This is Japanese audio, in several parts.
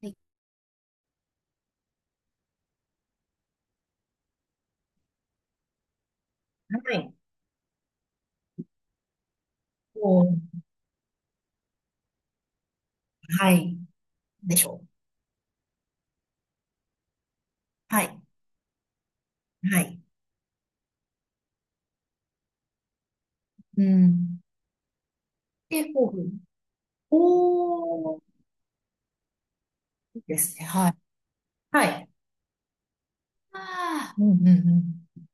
はい。はい、お、はい。でしょう。はい。はい。うん。で、こう、おー、ですね。はい。はい。ああ、うんうんうん。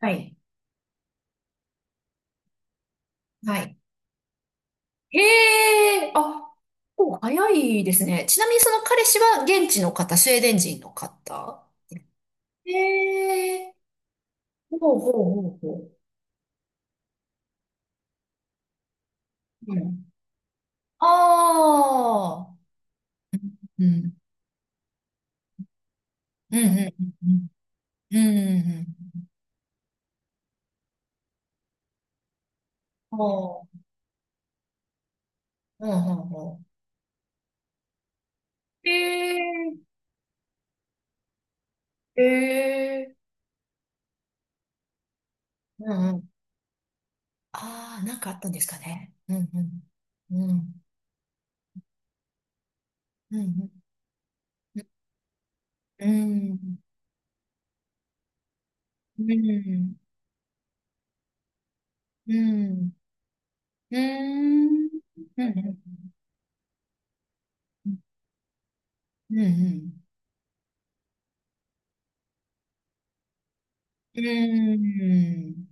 はい。はい。へえ、あ、お、早いですね。ちなみにその彼氏は現地の方、スウェーデン人の方。へえ、ほうほうほうほう。うん。ああ、うん。うんうんうんうん。うんうんうん。ほう、ほうほうほう。へえ、ええ、うんうん。ああ、なんかあったんですかね。うんうん。うん。うん。うん。うん。うん。うん。うん。うん。うん。うん。うん。うん。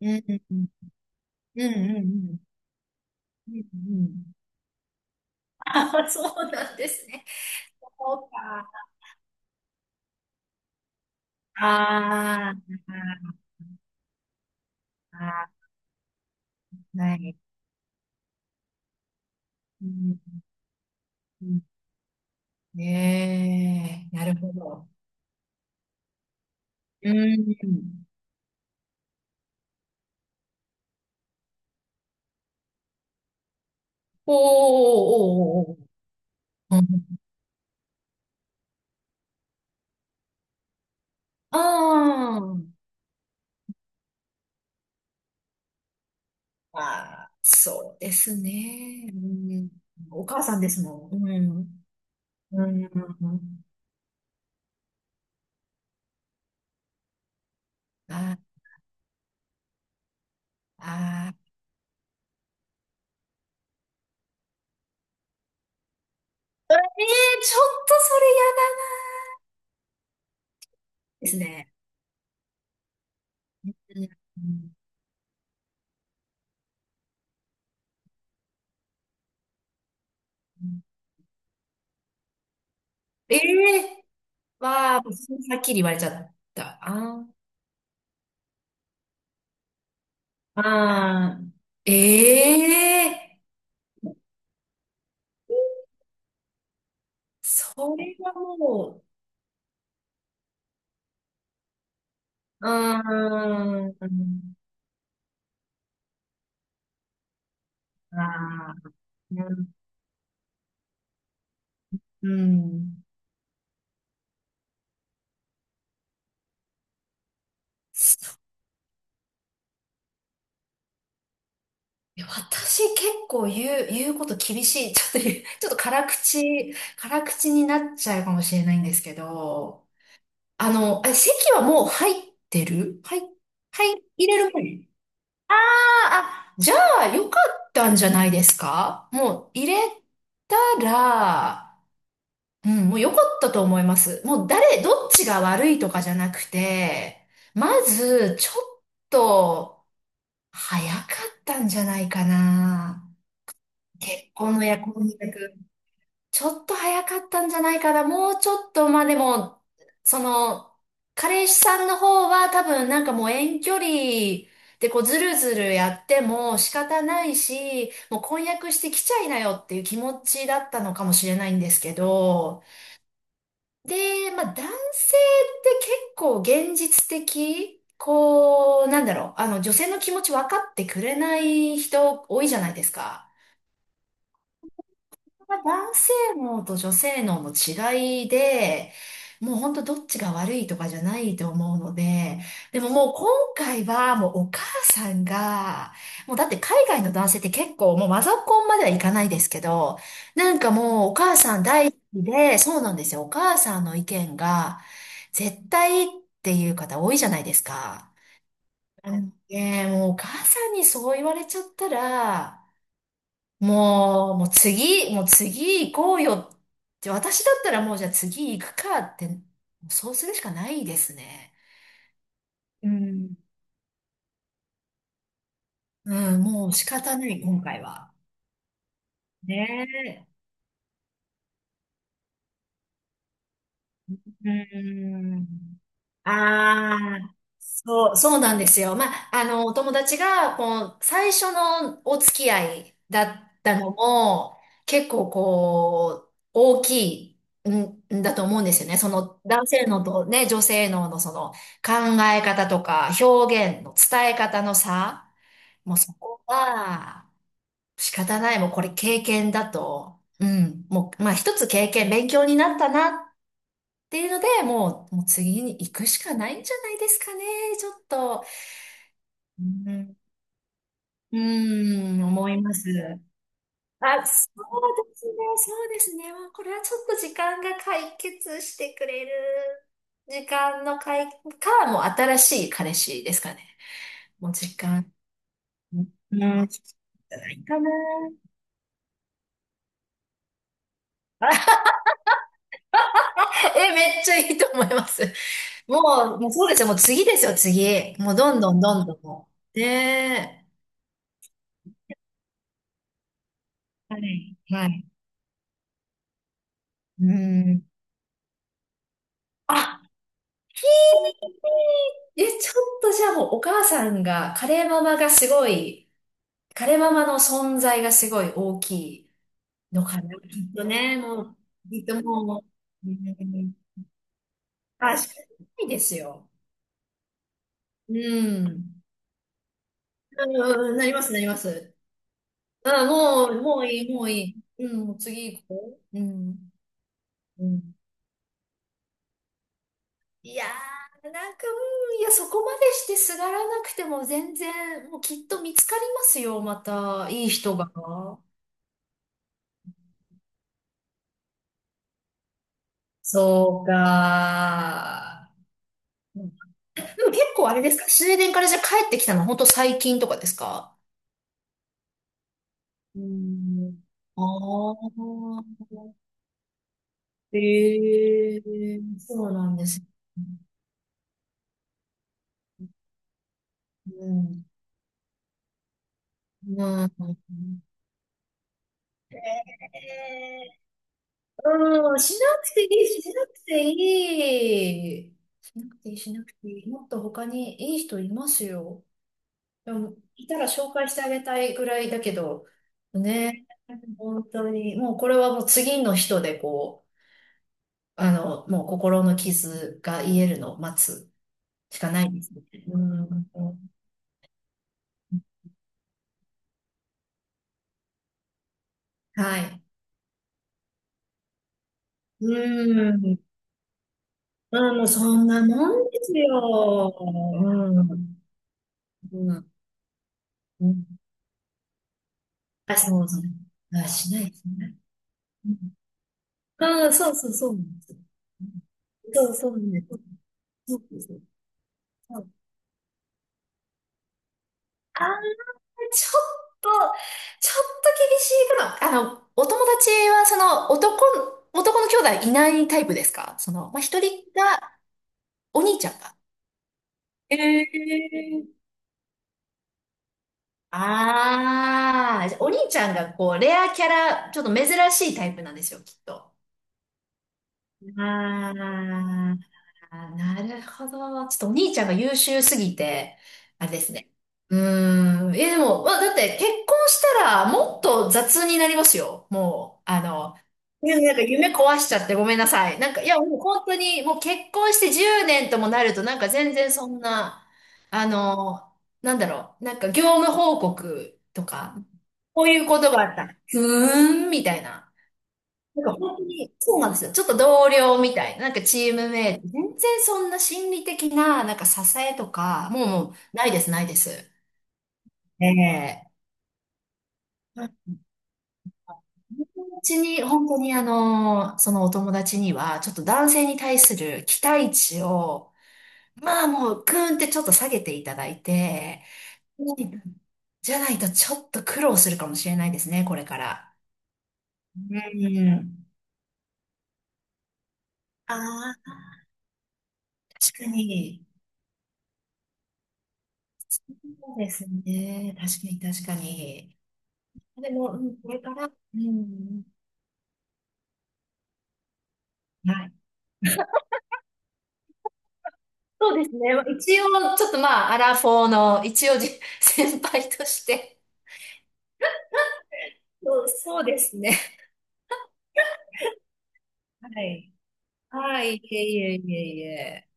うんうんうん、ああ、そうなんですね。そうか。ああ、はい。うん、ねえ、なるほど。うん。おー、おー、おー、おー。うん、あー、あー、そうですね。うん、お母さんですもん。うん。うん。うん、あ、あー、ええー、ちょっとそれ嫌だですね。うんうん、ええー、わあ、はっきり言われちゃった。あー、あー、ええー、それはもう、うーん、ああ、うん。そう、私結構言う、言うこと厳しい。ちょっと言う、ちょっと辛口、辛口になっちゃうかもしれないんですけど、あの、あ、席はもう入ってる、はい、はい、入れる前。あ、あ、じゃあよかったんじゃないですか、もう入れたら、うん、もうよかったと思います。もう誰、どっちが悪いとかじゃなくて、まず、ちょっと、早かったんじゃないかな。結婚の約、婚約。ちょっと早かったんじゃないかな。もうちょっと、まあでも、その、彼氏さんの方は多分もう遠距離でこうずるずるやっても仕方ないし、もう婚約してきちゃいなよっていう気持ちだったのかもしれないんですけど、で、まあ、男性って結構現実的、こう、なんだろう、女性の気持ち分かってくれない人多いじゃないですか。まあ男性脳と女性脳の違いで、もう本当どっちが悪いとかじゃないと思うので、でも、もう今回はもうお母さんが、もうだって海外の男性って結構もうマザコンまではいかないですけど、もうお母さん大好きで、そうなんですよ。お母さんの意見が絶対っていう方多いじゃないですか。うん、ねえ、もうお母さんにそう言われちゃったら、もう、もう次、もう次行こうよって、私だったらもうじゃあ次行くかって、そうするしかないですね。うん。うん、もう仕方ない、今回は。ねえ。うん。ああ、そう、そうなんですよ。まあ、あの、お友達が、こう、最初のお付き合いだったのも、結構こう、大きいんだと思うんですよね。その、男性のとね、女性ののその、考え方とか、表現の伝え方の差、もうそこは、仕方ない、もうこれ経験だと、うん、もう、まあ一つ経験、勉強になったなっていうので、もう、もう次に行くしかないんじゃないですかね。ちょっと、うん、うん思います。あ、そうですね、そうですね。もうこれはちょっと時間が解決してくれる。時間の解、か、もう新しい彼氏ですかね。もう時間、うん、じゃないかな。あ、え、めっちゃいいと思います。もう、もうそうですよ。もう次ですよ、次。もうどんどんどんどん。ねえ。はい。はい。うん。あ、え、ちょっとじゃあもうお母さんが、カレーママがすごい、カレーママの存在がすごい大きいのかな。きっとね、もう、きっともう、うん。あ、仕方ないですよ。うん。うん、なります、なります。あ、もう、もういい、もういい。うん、もう次行こう。うん。うん。いやー、うん、いや、そこまでしてすがらなくても全然、もうきっと見つかりますよ、また、いい人が。そうか。うん、でも結構あれですか、スウェーデンからじゃあ帰ってきたの本当最近とかですか。うん。ああ、ええー、そうなんです。うん。うん。ええ、うん、しなくていい、しなくていい。しなくていい、しなくていい。もっと他にいい人いますよ。でも、いたら紹介してあげたいぐらいだけど、ね、本当に、もうこれはもう次の人でこう、もう心の傷が癒えるのを待つしかないですね。うん、はい。うん、うん、もうそんなもんですよ。うん、うん、うん。あ、そうそう。あ、しないですね。うん、うん、そうそうそうなんです。うん、そうそうなんです。そうそうそう。ああ、ちょっと、ちょっと厳しいかな。あの、お友達は、その、男、男の兄弟いないタイプですか、その、まあ、一人が、お兄ちゃんが。えー、ああ、じゃあお兄ちゃんが、こう、レアキャラ、ちょっと珍しいタイプなんですよ、きっと。ああ。あ、なるほど。ちょっとお兄ちゃんが優秀すぎて、あれですね。うーん。え、でも、まあ、だって結婚したらもっと雑になりますよ。もう、いや、なんか夢壊しちゃってごめんなさい。なんか、いや、もう本当に、もう結婚して10年ともなると、なんか全然そんな、あの、なんだろう、なんか業務報告とか、こういうことがあった。ふーん、みたいな。なんか本当に、そうなんですよ。ちょっと同僚みたいな、なんかチームメイト、全然そんな心理的な、なんか支えとか、もう、もう、ないです、ないです。ええ、友達に、本当にあの、そのお友達には、ちょっと男性に対する期待値を、まあもう、グーンってちょっと下げていただいて、じゃないとちょっと苦労するかもしれないですね、これから。うん。ああ、確かに。そうですね。確かに、確かに。でも、うん、これから、うん、はい。そうですね。一応、ちょっとまあ、アラフォーの、一応じ、先輩として。そう、そうですね。はい。はい。はい、いえいえいえいえ。